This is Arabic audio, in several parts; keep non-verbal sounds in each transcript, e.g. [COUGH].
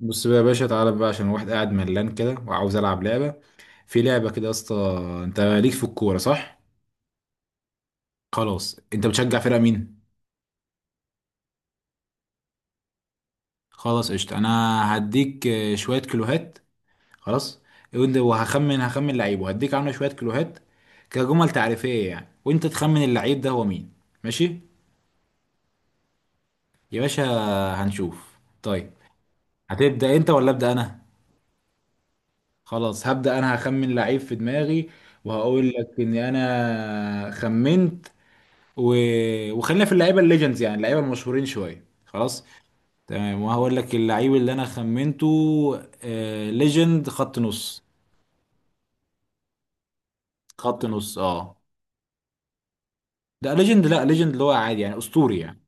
بص بقى يا باشا، تعالى بقى عشان واحد قاعد ملان كده وعاوز العب لعبه. في لعبه كده يا اسطى. انت ليك في الكوره، صح؟ خلاص، انت بتشجع فرقه مين؟ خلاص قشطه. انا هديك شويه كيلوهات. خلاص. وهخمن لعيب وهديك عنه شويه كيلوهات، كجمل تعريفيه يعني، وانت تخمن اللعيب ده هو مين. ماشي يا باشا. هنشوف طيب. هتبدا انت ولا ابدا انا؟ خلاص، هبدا انا، هخمن لعيب في دماغي وهقول لك اني انا خمنت. و... وخلينا في اللعيبه الليجندز، يعني اللعيبه المشهورين شويه خلاص. تمام، وهقول لك اللعيب اللي انا خمنته. ليجند خط نص. خط نص، اه. ده ليجند، لا ليجند اللي هو عادي يعني، اسطوري يعني.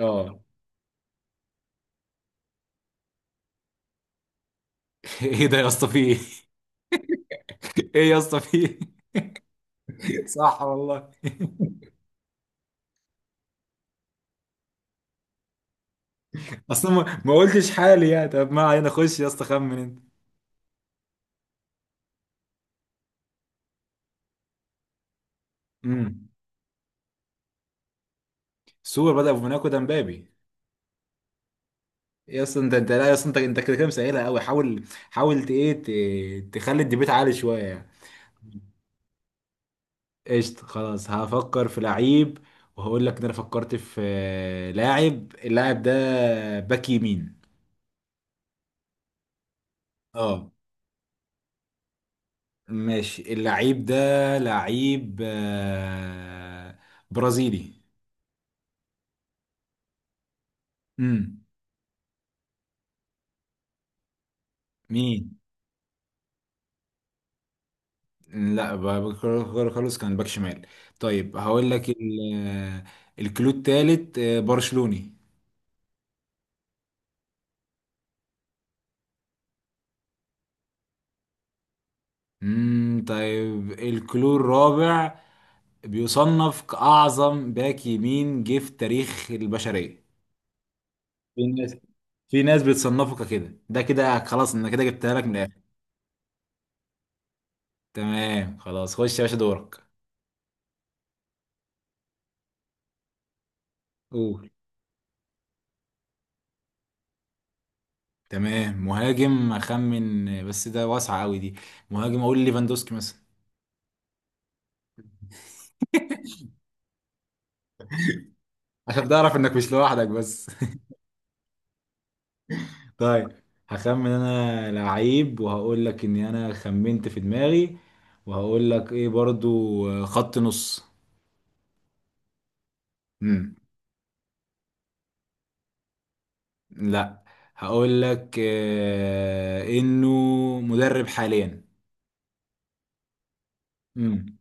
اه. [LAUGHS] ايه ده يا اسطى، في ايه؟ [LAUGHS] ايه يا اسطى، في ايه؟ [LAUGHS] صح والله. اصلا ما قلتش حالي يعني، طب ما علينا، خش يا اسطى، خمن انت. امم. سوبر بدأ بموناكو، ده مبابي. يا اسطى، انت لا يا اسطى، انت كده كده مسهلها قوي، حاول. حاول تخلي الديبيت عالي شويه يعني. قشطة، خلاص، هفكر في لعيب وهقول لك ان انا فكرت في لاعب. اللاعب ده باك يمين. اه. ماشي، اللعيب ده لعيب برازيلي. امم، مين؟ لا، خلاص، كان باك شمال. طيب هقول لك الكلو التالت برشلوني. امم. طيب الكلو الرابع، بيصنف كأعظم باك يمين جه في تاريخ البشرية. في ناس، في ناس بتصنفك كده، ده كده خلاص، انا كده جبتها لك من الاخر. تمام خلاص، خش يا باشا، دورك. قول. تمام، مهاجم اخمن، بس ده واسعه قوي دي. مهاجم، اقول ليفاندوسكي مثلا. عشان تعرف انك مش لوحدك بس. [LAUGHS] طيب. هخمن انا لعيب وهقول لك اني انا خمنت في دماغي، وهقول لك ايه برضو؟ خط نص. امم. لا، هقول لك انه مدرب حاليا. امم.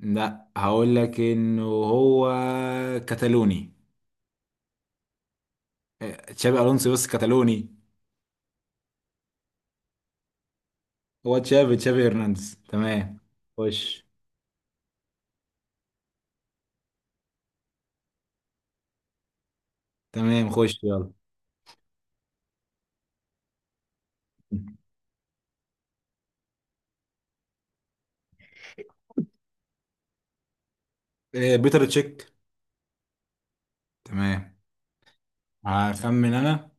لا، هقول لك انه هو كتالوني. تشابي الونسو، بس كتالوني. هو تشابي، تشابي هرنانديز، تمام. خش. تمام، خش يلا. بيتر تشيك. تمام. هخمن انا.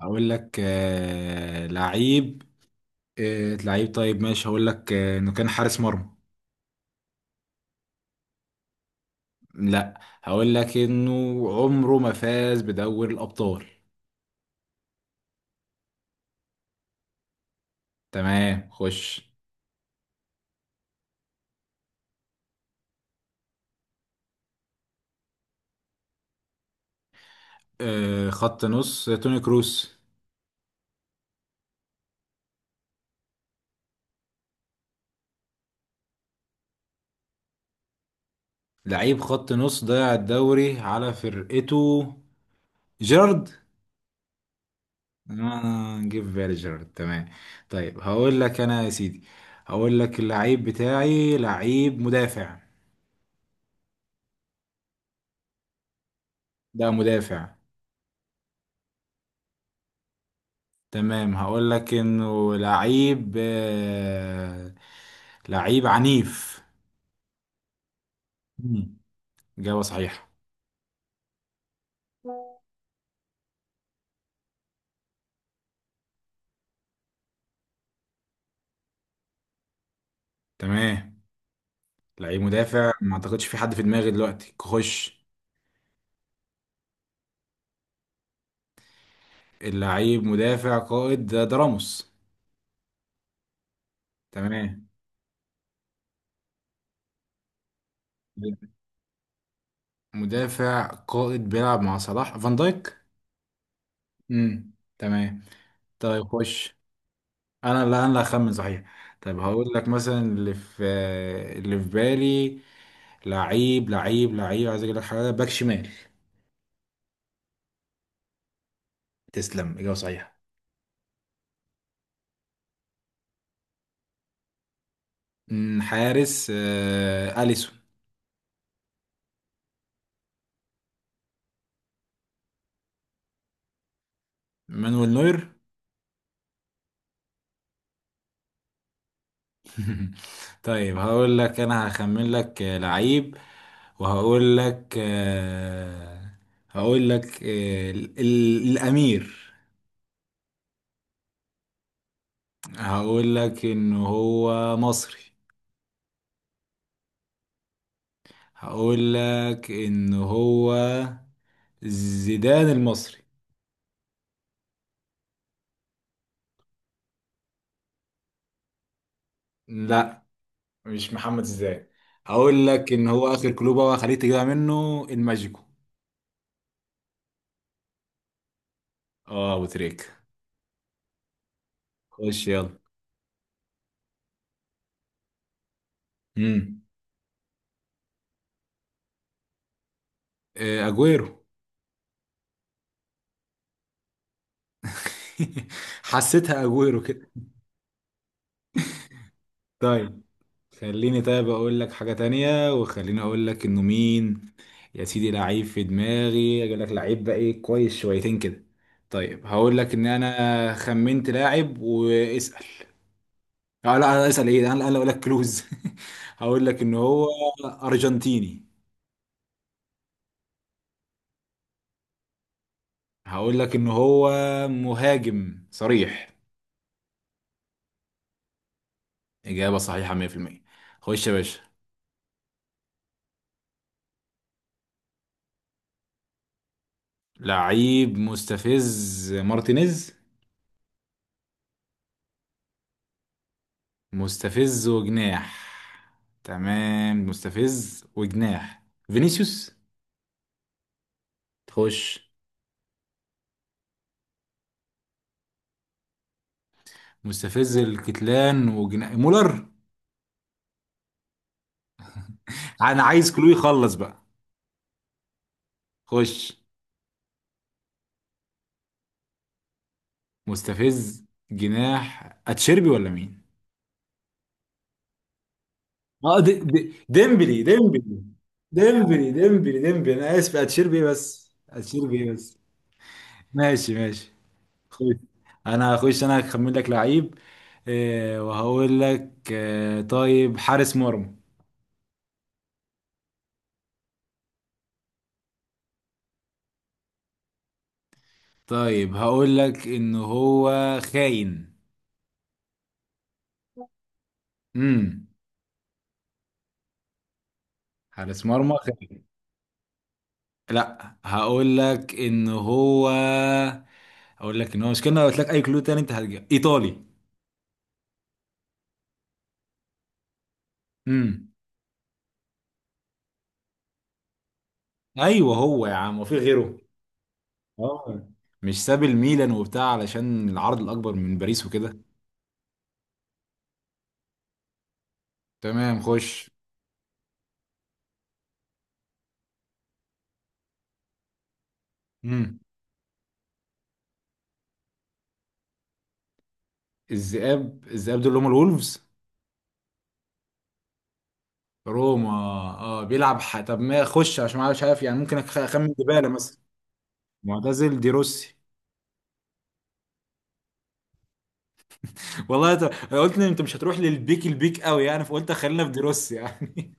هقول لك لعيب، لعيب، طيب ماشي، هقول لك انه كان حارس مرمى. لا، هقول لك انه عمره ما فاز بدوري الابطال. تمام، خش. خط نص، توني كروس. لعيب خط نص ضيع الدوري على فرقته، جيرارد. انا جه في بالي جيرارد، تمام. طيب هقول لك انا يا سيدي، هقول لك اللعيب بتاعي لعيب مدافع. ده مدافع. تمام، هقول لك انه لعيب لعيب عنيف. مم. إجابة صحيحة. تمام. لعيب مدافع، ما اعتقدش في حد في دماغي دلوقتي، خش. اللعيب مدافع قائد، ده راموس. تمام. مدافع قائد بيلعب مع صلاح، فان دايك. امم، تمام. طيب خش. انا لا، انا اللي هخمن صحيح. طيب هقول لك مثلا اللي في، اللي في بالي، لعيب عايز اجيب لك حاجه، باك شمال. تسلم، اجابه صحيحه. حارس اليسون. مانويل نوير. [LAUGHS] طيب. هقول لك انا، هخمن لك لعيب، وهقول لك الامير. هقول لك ان هو مصري. هقول لك ان هو زيدان المصري. لا، مش محمد زيدان. هقول لك ان هو اخر كلوبة، وخليك تجيبها منه، الماجيكو. اه، ابو تريك. خش يلا. امم. اجويرو. [LAUGHS] حسيتها اجويرو كده. طيب. خليني طيب اقول لك حاجة تانية، وخليني اقول لك انه مين. يا سيدي لعيب في دماغي، اقول لك لعيب بقى ايه كويس شويتين كده. طيب هقول لك ان انا خمنت لاعب واسأل. اه لا، انا اسأل ايه؟ انا اقول لك كلوز. [LAUGHS] هقول لك ان هو ارجنتيني. هقول لك ان هو مهاجم صريح. اجابة صحيحة 100%. خش يا باشا. لعيب مستفز، مارتينيز. مستفز وجناح. تمام، مستفز وجناح، فينيسيوس. خش. مستفز الكتلان وجناح، مولر. انا عايز كلو يخلص بقى. خش. مستفز جناح، اتشيربي ولا مين؟ اه، دي ديمبلي، انا اسف، اتشيربي إيه بس، اتشيربي إيه بس. ماشي، ماشي. خش. انا هخش، انا هخمن لك لعيب وهقول لك طيب، حارس مرمى. طيب هقول لك ان هو خاين. امم. حارس مرمى خاين. لا، هقول لك ان هو، هقول لك ان هو مش كده، لو قلت لك اي كلو تاني انت هتجيب ايطالي. امم. ايوه، هو يا عم، وفي غيره. اه، مش ساب الميلان وبتاع علشان العرض الاكبر من باريس وكده. تمام، خش. امم. الذئاب، الذئاب دول اللي هم الولفز. روما. اه، بيلعب طب ما خش عشان ما مش عارف يعني، ممكن اخمن ديبالا مثلا. معتزل، دي روسي. والله، قلت ان انت مش هتروح للبيك، البيك قوي يعني، فقلت خلينا في دروس يعني.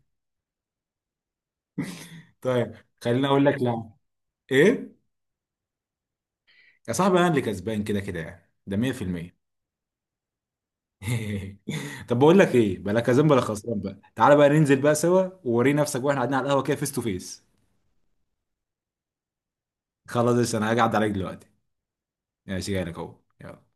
[LAUGHS] طيب. خليني اقول لك لا. ايه؟ يا صاحبي، انا اللي كسبان كده كده يعني، ده 100%. [LAUGHS] طب بقول لك ايه، بلا كسبان بلا خسران بقى، تعالى بقى ننزل بقى سوا، ووري نفسك واحنا قاعدين على القهوه كده، فيس تو فيس. خلاص يا أسطى، انا هقعد عليك دلوقتي. ماشي، جاي لك اهو. يلا.